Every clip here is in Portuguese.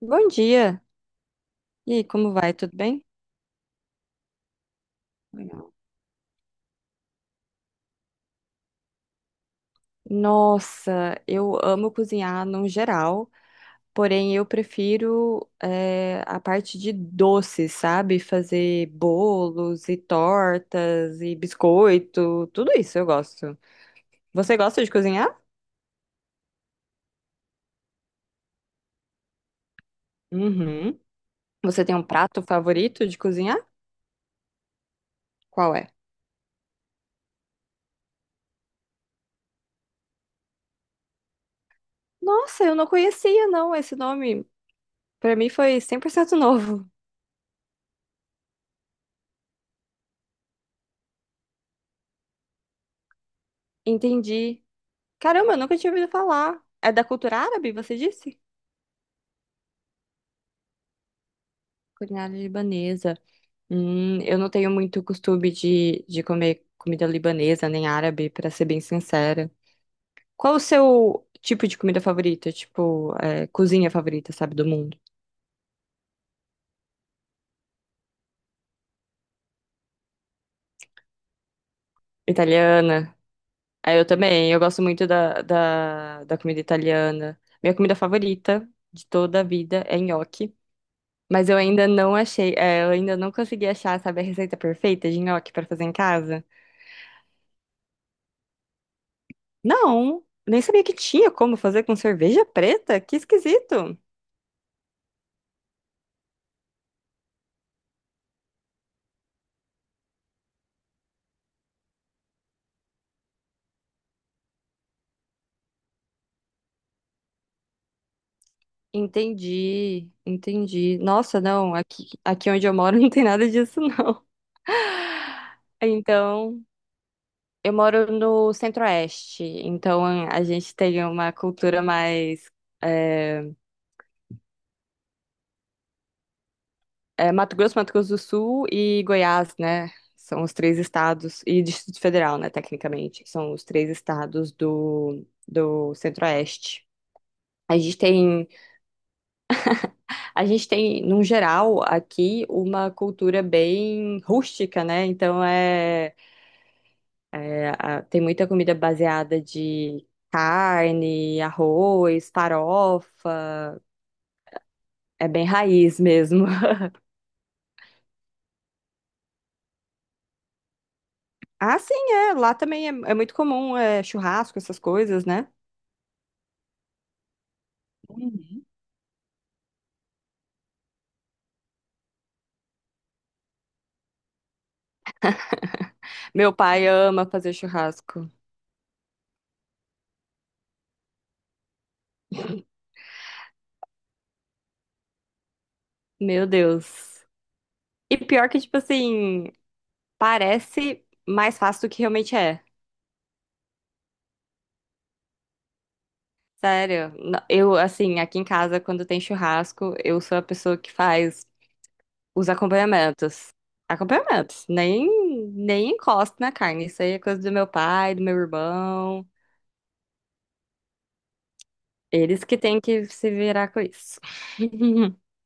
Bom dia! E aí, como vai? Tudo bem? Legal. Nossa, eu amo cozinhar no geral, porém eu prefiro a parte de doces, sabe? Fazer bolos e tortas e biscoito, tudo isso eu gosto. Você gosta de cozinhar? Uhum. Você tem um prato favorito de cozinhar? Qual é? Nossa, eu não conhecia não esse nome. Pra mim foi 100% novo. Entendi. Caramba, eu nunca tinha ouvido falar. É da cultura árabe, você disse? Culinária libanesa. Eu não tenho muito costume de comer comida libanesa nem árabe, pra ser bem sincera. Qual o seu tipo de comida favorita? Tipo, é, cozinha favorita, sabe, do mundo? Italiana. É, eu também. Eu gosto muito da comida italiana. Minha comida favorita de toda a vida é nhoque. Mas eu ainda não achei, é, eu ainda não consegui achar, sabe, a receita perfeita de nhoque pra fazer em casa. Não, nem sabia que tinha como fazer com cerveja preta. Que esquisito. Entendi, entendi. Nossa, não, aqui onde eu moro não tem nada disso, não. Então, eu moro no Centro-Oeste, então a gente tem uma cultura mais. É, é Mato Grosso, Mato Grosso do Sul e Goiás, né? São os três estados, e Distrito Federal, né, tecnicamente, são os três estados do Centro-Oeste. A gente tem. A gente tem, num geral, aqui uma cultura bem rústica, né? Então é, é, tem muita comida baseada de carne, arroz, farofa, é bem raiz mesmo. Ah, sim, é. Lá também é, é muito comum é, churrasco, essas coisas, né? Uhum. Meu pai ama fazer churrasco. Meu Deus. E pior que, tipo assim, parece mais fácil do que realmente é. Sério, eu, assim, aqui em casa, quando tem churrasco, eu sou a pessoa que faz os acompanhamentos. Acompanhamentos, nem encosto na carne. Isso aí é coisa do meu pai, do meu irmão. Eles que têm que se virar com isso.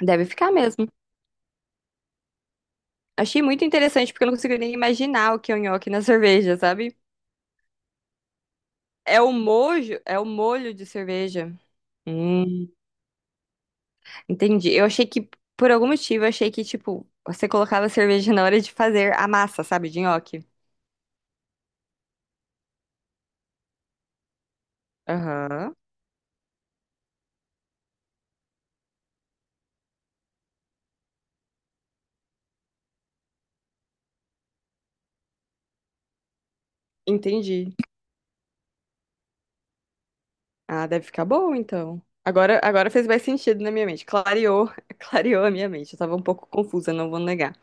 Deve ficar mesmo. Achei muito interessante, porque eu não consigo nem imaginar o que é o nhoque na cerveja, sabe? É o mojo, é o molho de cerveja. Hum. Entendi. Por algum motivo, eu achei que, tipo, você colocava cerveja na hora de fazer a massa, sabe, de nhoque. Aham. Entendi. Ah, deve ficar bom, então. Agora, agora fez mais sentido na minha mente. Clareou, clareou a minha mente. Eu tava um pouco confusa, não vou negar.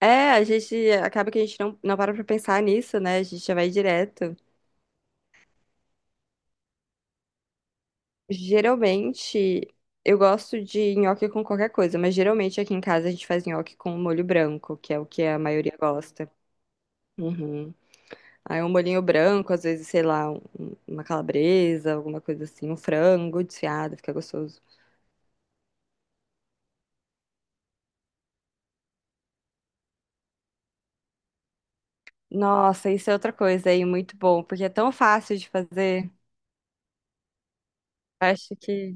É, a gente acaba que a gente não para pra pensar nisso, né? A gente já vai direto. Geralmente, eu gosto de nhoque com qualquer coisa, mas geralmente aqui em casa a gente faz nhoque com molho branco, que é o que a maioria gosta. Uhum. Aí um bolinho branco, às vezes, sei lá, uma calabresa, alguma coisa assim, um frango desfiado, fica gostoso. Nossa, isso é outra coisa aí, muito bom, porque é tão fácil de fazer. Acho que,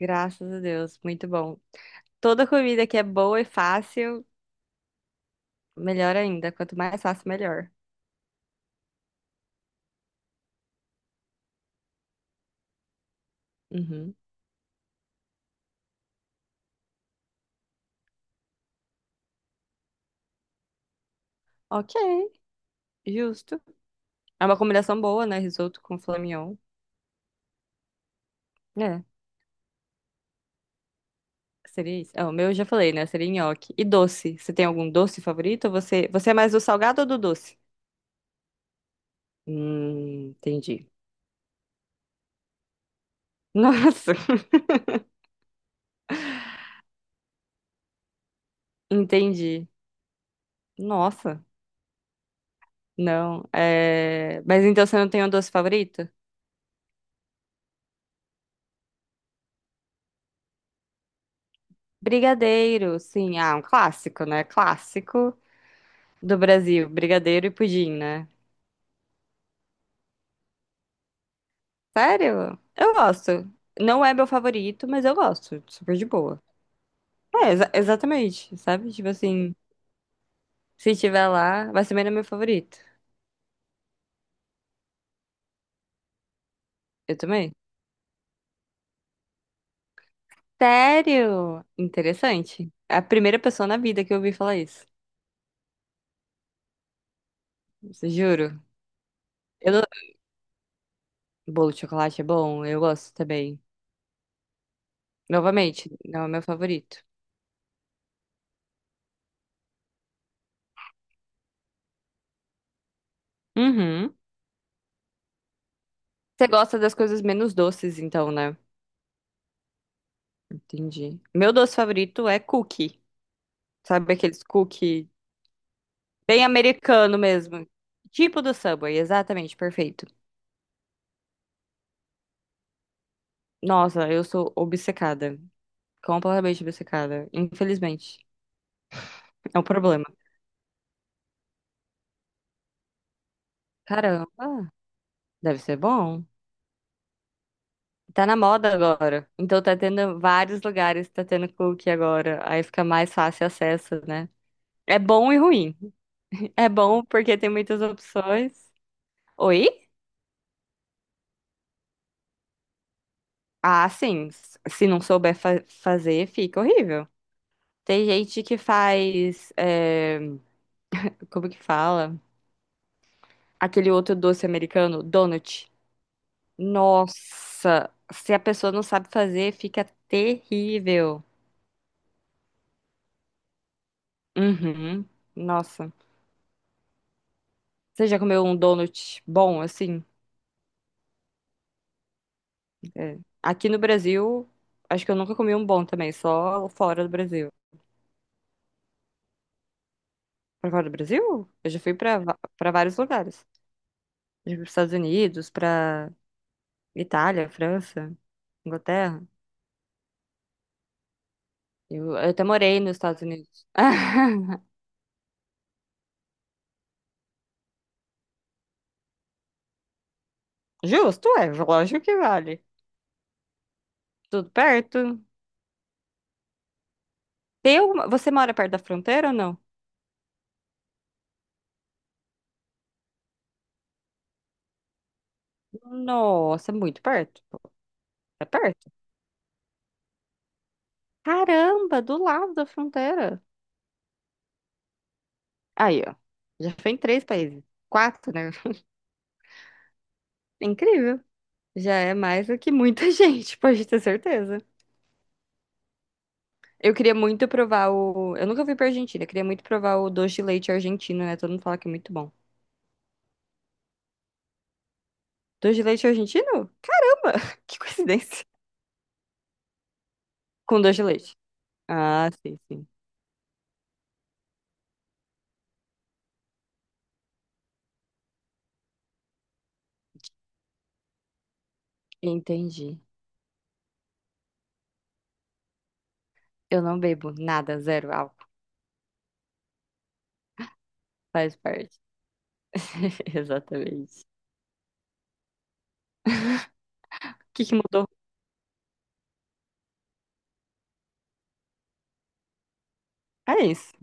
graças a Deus, muito bom. Toda comida que é boa e fácil, melhor ainda. Quanto mais fácil, melhor. Uhum. Ok, justo. É uma combinação boa, né? Risoto com flamignon. É, seria isso. Ah, o meu eu já falei, né? Seria nhoque. E doce. Você tem algum doce favorito? Ou Você, você é mais do salgado ou do doce? Entendi. Nossa, entendi. Nossa, não. É... Mas então você não tem um doce favorito? Brigadeiro, sim. Ah, um clássico, né? Clássico do Brasil. Brigadeiro e pudim, né? Sério? Eu gosto. Não é meu favorito, mas eu gosto. Super de boa. É, exatamente, sabe? Tipo assim, se tiver lá, mas também não é meu favorito. Eu também. Sério? Interessante. É a primeira pessoa na vida que eu ouvi falar isso. Juro. Eu Bolo de chocolate é bom, eu gosto também. Novamente, não é o meu favorito. Uhum. Você gosta das coisas menos doces, então, né? Entendi. Meu doce favorito é cookie. Sabe aqueles cookie bem americano mesmo? Tipo do Subway, exatamente, perfeito. Nossa, eu sou obcecada. Completamente obcecada. Infelizmente. É um problema. Caramba, deve ser bom. Tá na moda agora. Então tá tendo vários lugares, tá tendo cookie agora. Aí fica mais fácil acesso, né? É bom e ruim. É bom porque tem muitas opções. Oi? Ah, sim. Se não souber fazer, fica horrível. Tem gente que faz. É, Como que fala? Aquele outro doce americano, donut. Nossa! Se a pessoa não sabe fazer, fica terrível. Uhum. Nossa. Você já comeu um donut bom, assim? É. Aqui no Brasil, acho que eu nunca comi um bom também, só fora do Brasil. Pra Fora do Brasil? Eu já fui pra pra vários lugares. Já fui pros Estados Unidos, pra Itália, França, Inglaterra. Eu até morei nos Estados Unidos. Justo, é, lógico que vale. Tudo perto. Tem alguma... Você mora perto da fronteira ou não? Nossa, é muito perto. É perto? Caramba, do lado da fronteira. Aí, ó. Já foi em três países. Quatro, né? Incrível. Já é mais do que muita gente, pode ter certeza. Eu queria muito provar o. Eu nunca fui pra Argentina, eu queria muito provar o doce de leite argentino, né? Todo mundo fala que é muito bom. Doce de leite argentino? Caramba, que coincidência. Com doce de leite. Ah, sim, sim. Entendi. Eu não bebo nada, zero álcool. Faz parte. Exatamente. O que que mudou? É isso.